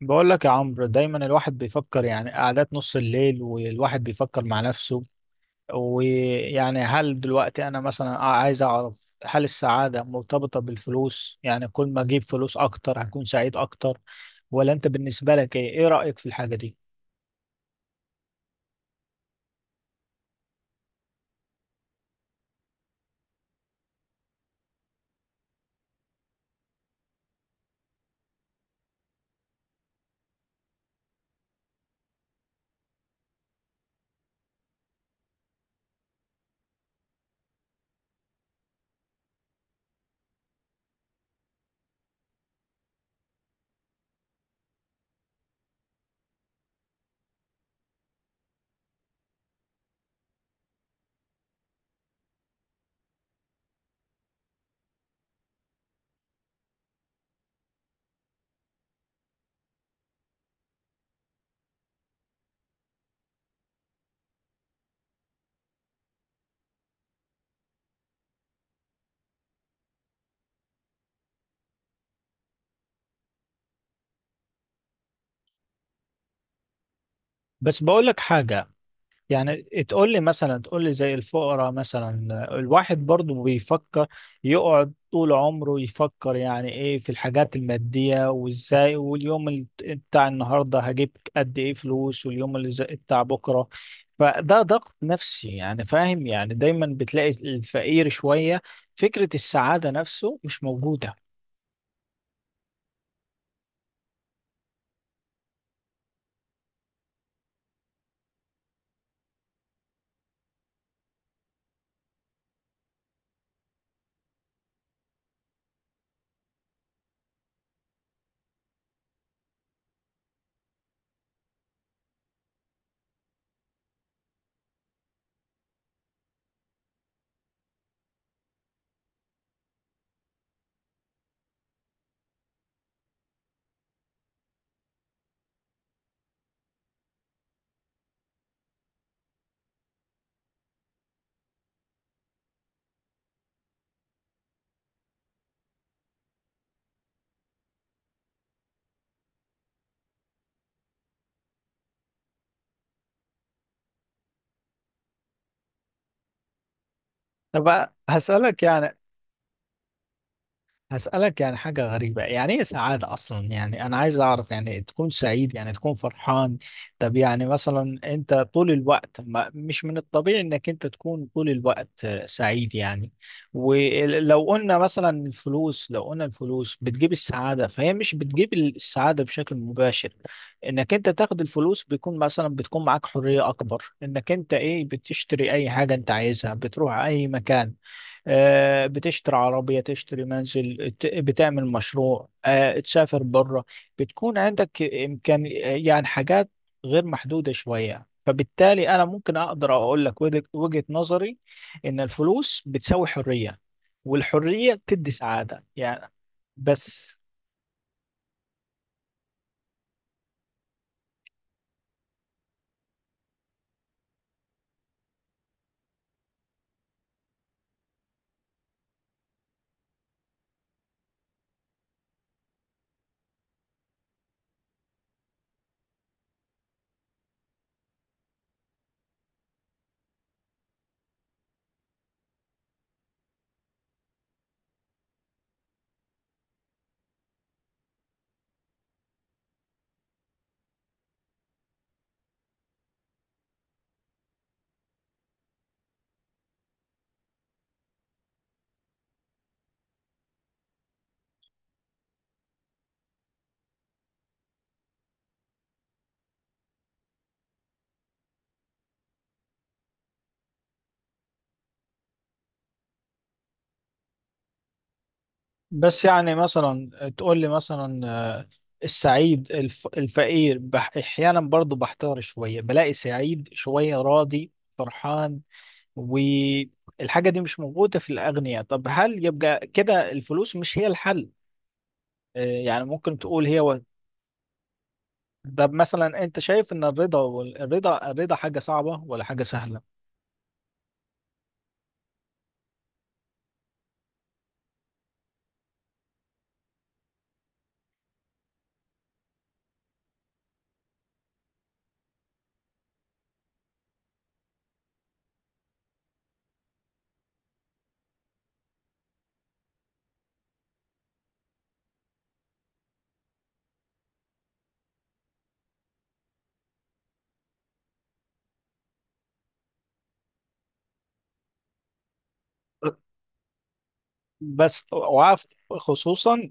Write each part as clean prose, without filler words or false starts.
بقول لك يا عمرو، دايما الواحد بيفكر، قعدات نص الليل والواحد بيفكر مع نفسه. هل دلوقتي انا مثلا عايز اعرف، هل السعادة مرتبطة بالفلوس؟ يعني كل ما اجيب فلوس اكتر هكون سعيد اكتر؟ ولا انت بالنسبة لك ايه رأيك في الحاجة دي؟ بس بقول لك حاجة، يعني تقول لي مثلا، تقول لي زي الفقراء مثلا، الواحد برضو بيفكر، يقعد طول عمره يفكر يعني ايه في الحاجات المادية، وازاي، واليوم بتاع النهاردة هجيب قد ايه فلوس، واليوم اللي زي بتاع بكرة. فده ضغط نفسي يعني، فاهم؟ يعني دايما بتلاقي الفقير شوية فكرة السعادة نفسه مش موجودة. طب هسألك يعني، هسألك حاجة غريبة، يعني ايه سعادة أصلا؟ يعني أنا عايز أعرف، يعني تكون سعيد يعني تكون فرحان. طب يعني مثلا أنت طول الوقت، ما مش من الطبيعي إنك أنت تكون طول الوقت سعيد يعني. ولو قلنا مثلا الفلوس، لو قلنا الفلوس بتجيب السعادة، فهي مش بتجيب السعادة بشكل مباشر. إنك أنت تاخد الفلوس، بيكون مثلا بتكون معاك حرية أكبر، إنك أنت إيه، بتشتري أي حاجة أنت عايزها، بتروح أي مكان، بتشتري عربية، تشتري منزل، بتعمل مشروع، تسافر بره، بتكون عندك إمكان يعني، حاجات غير محدودة شوية. فبالتالي أنا ممكن أقدر أقول لك وجهة نظري، إن الفلوس بتساوي حرية، والحرية بتدي سعادة يعني. بس بس يعني مثلا، تقول لي مثلا، آه، السعيد، الفقير أحيانا برضو بحتار شوية، بلاقي سعيد شوية، راضي، فرحان، والحاجة دي مش موجودة في الأغنياء. طب هل يبقى كده الفلوس مش هي الحل؟ يعني ممكن تقول هي طب مثلا أنت شايف إن الرضا والرضا الرضا الرضا حاجة صعبة ولا حاجة سهلة؟ بس وعارف، خصوصا،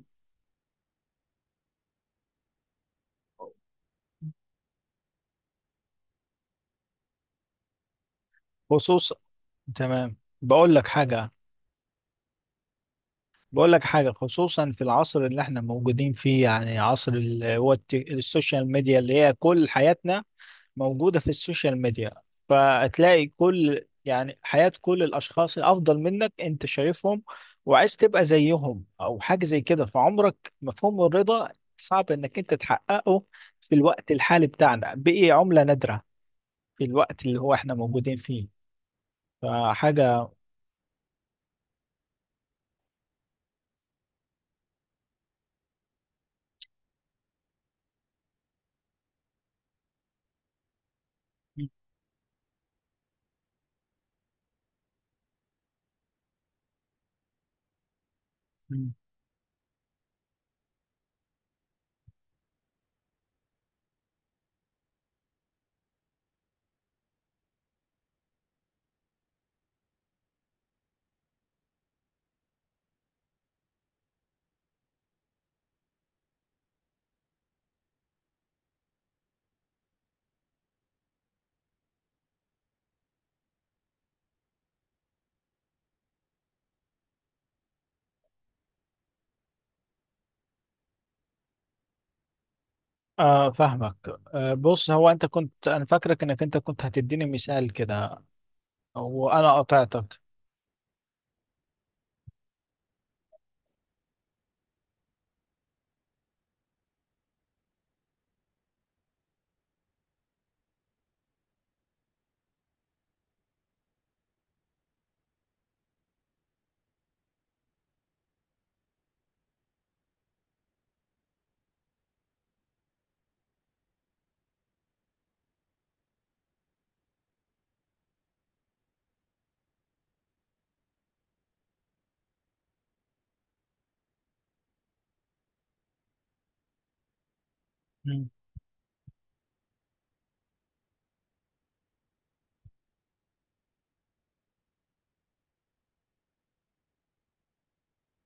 خصوصا، تمام، بقول لك حاجة، بقول لك حاجة، خصوصا في العصر اللي احنا موجودين فيه، يعني عصر السوشيال ميديا، اللي هي كل حياتنا موجودة في السوشيال ميديا. فتلاقي كل يعني حياة كل الأشخاص الأفضل منك، أنت شايفهم وعايز تبقى زيهم، أو حاجة زي كده. فعمرك مفهوم الرضا صعب إنك أنت تحققه في الوقت الحالي بتاعنا، بقي عملة نادرة في الوقت اللي هو إحنا موجودين فيه. فحاجة، مم. فاهمك. بص، هو أنت كنت، أنا فاكرك إنك أنت كنت هتديني مثال كده وأنا قطعتك.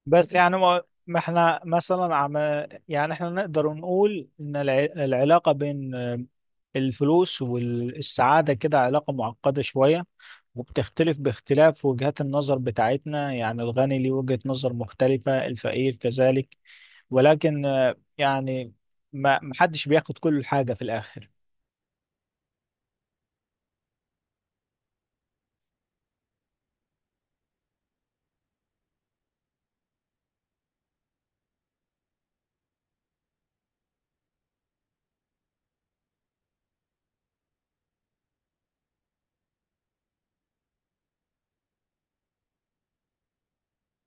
بس يعني ما ما احنا مثلا يعني احنا نقدر نقول ان العلاقة بين الفلوس والسعادة كده علاقة معقدة شوية، وبتختلف باختلاف وجهات النظر بتاعتنا. يعني الغني ليه وجهة نظر مختلفة، الفقير كذلك. ولكن يعني ما محدش بياخد كل حاجة في الآخر.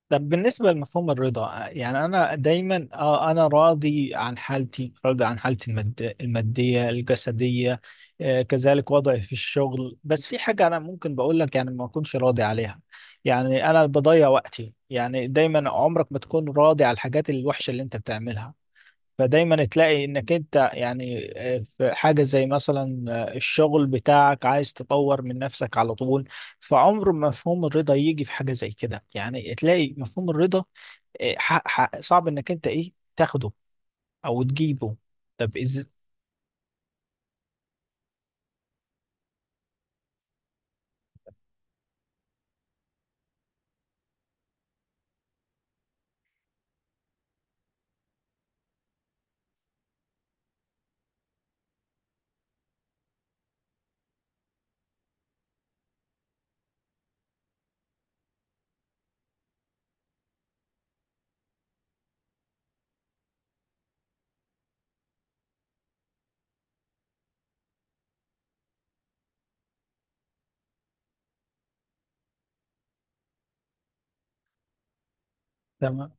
طب بالنسبة لمفهوم الرضا، يعني أنا دايما أنا راضي عن حالتي، راضي عن حالتي المادية، الجسدية كذلك وضعي في الشغل. بس في حاجة أنا ممكن بقول لك يعني ما أكونش راضي عليها. يعني أنا بضيع وقتي يعني، دايما عمرك ما تكون راضي على الحاجات الوحشة اللي أنت بتعملها. فدايما تلاقي انك انت يعني، في حاجة زي مثلا الشغل بتاعك، عايز تطور من نفسك على طول. فعمر ما مفهوم الرضا يجي في حاجة زي كده، يعني تلاقي مفهوم الرضا صعب انك انت ايه تاخده او تجيبه. طب از تمام،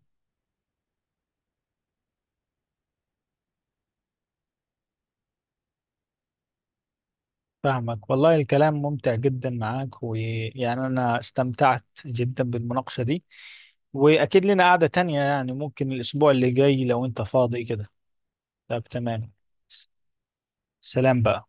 فاهمك. والله الكلام ممتع جدا معاك، ويعني انا استمتعت جدا بالمناقشة دي، واكيد لنا قعدة تانية يعني، ممكن الاسبوع اللي جاي لو انت فاضي كده. طب تمام. س- سلام بقى.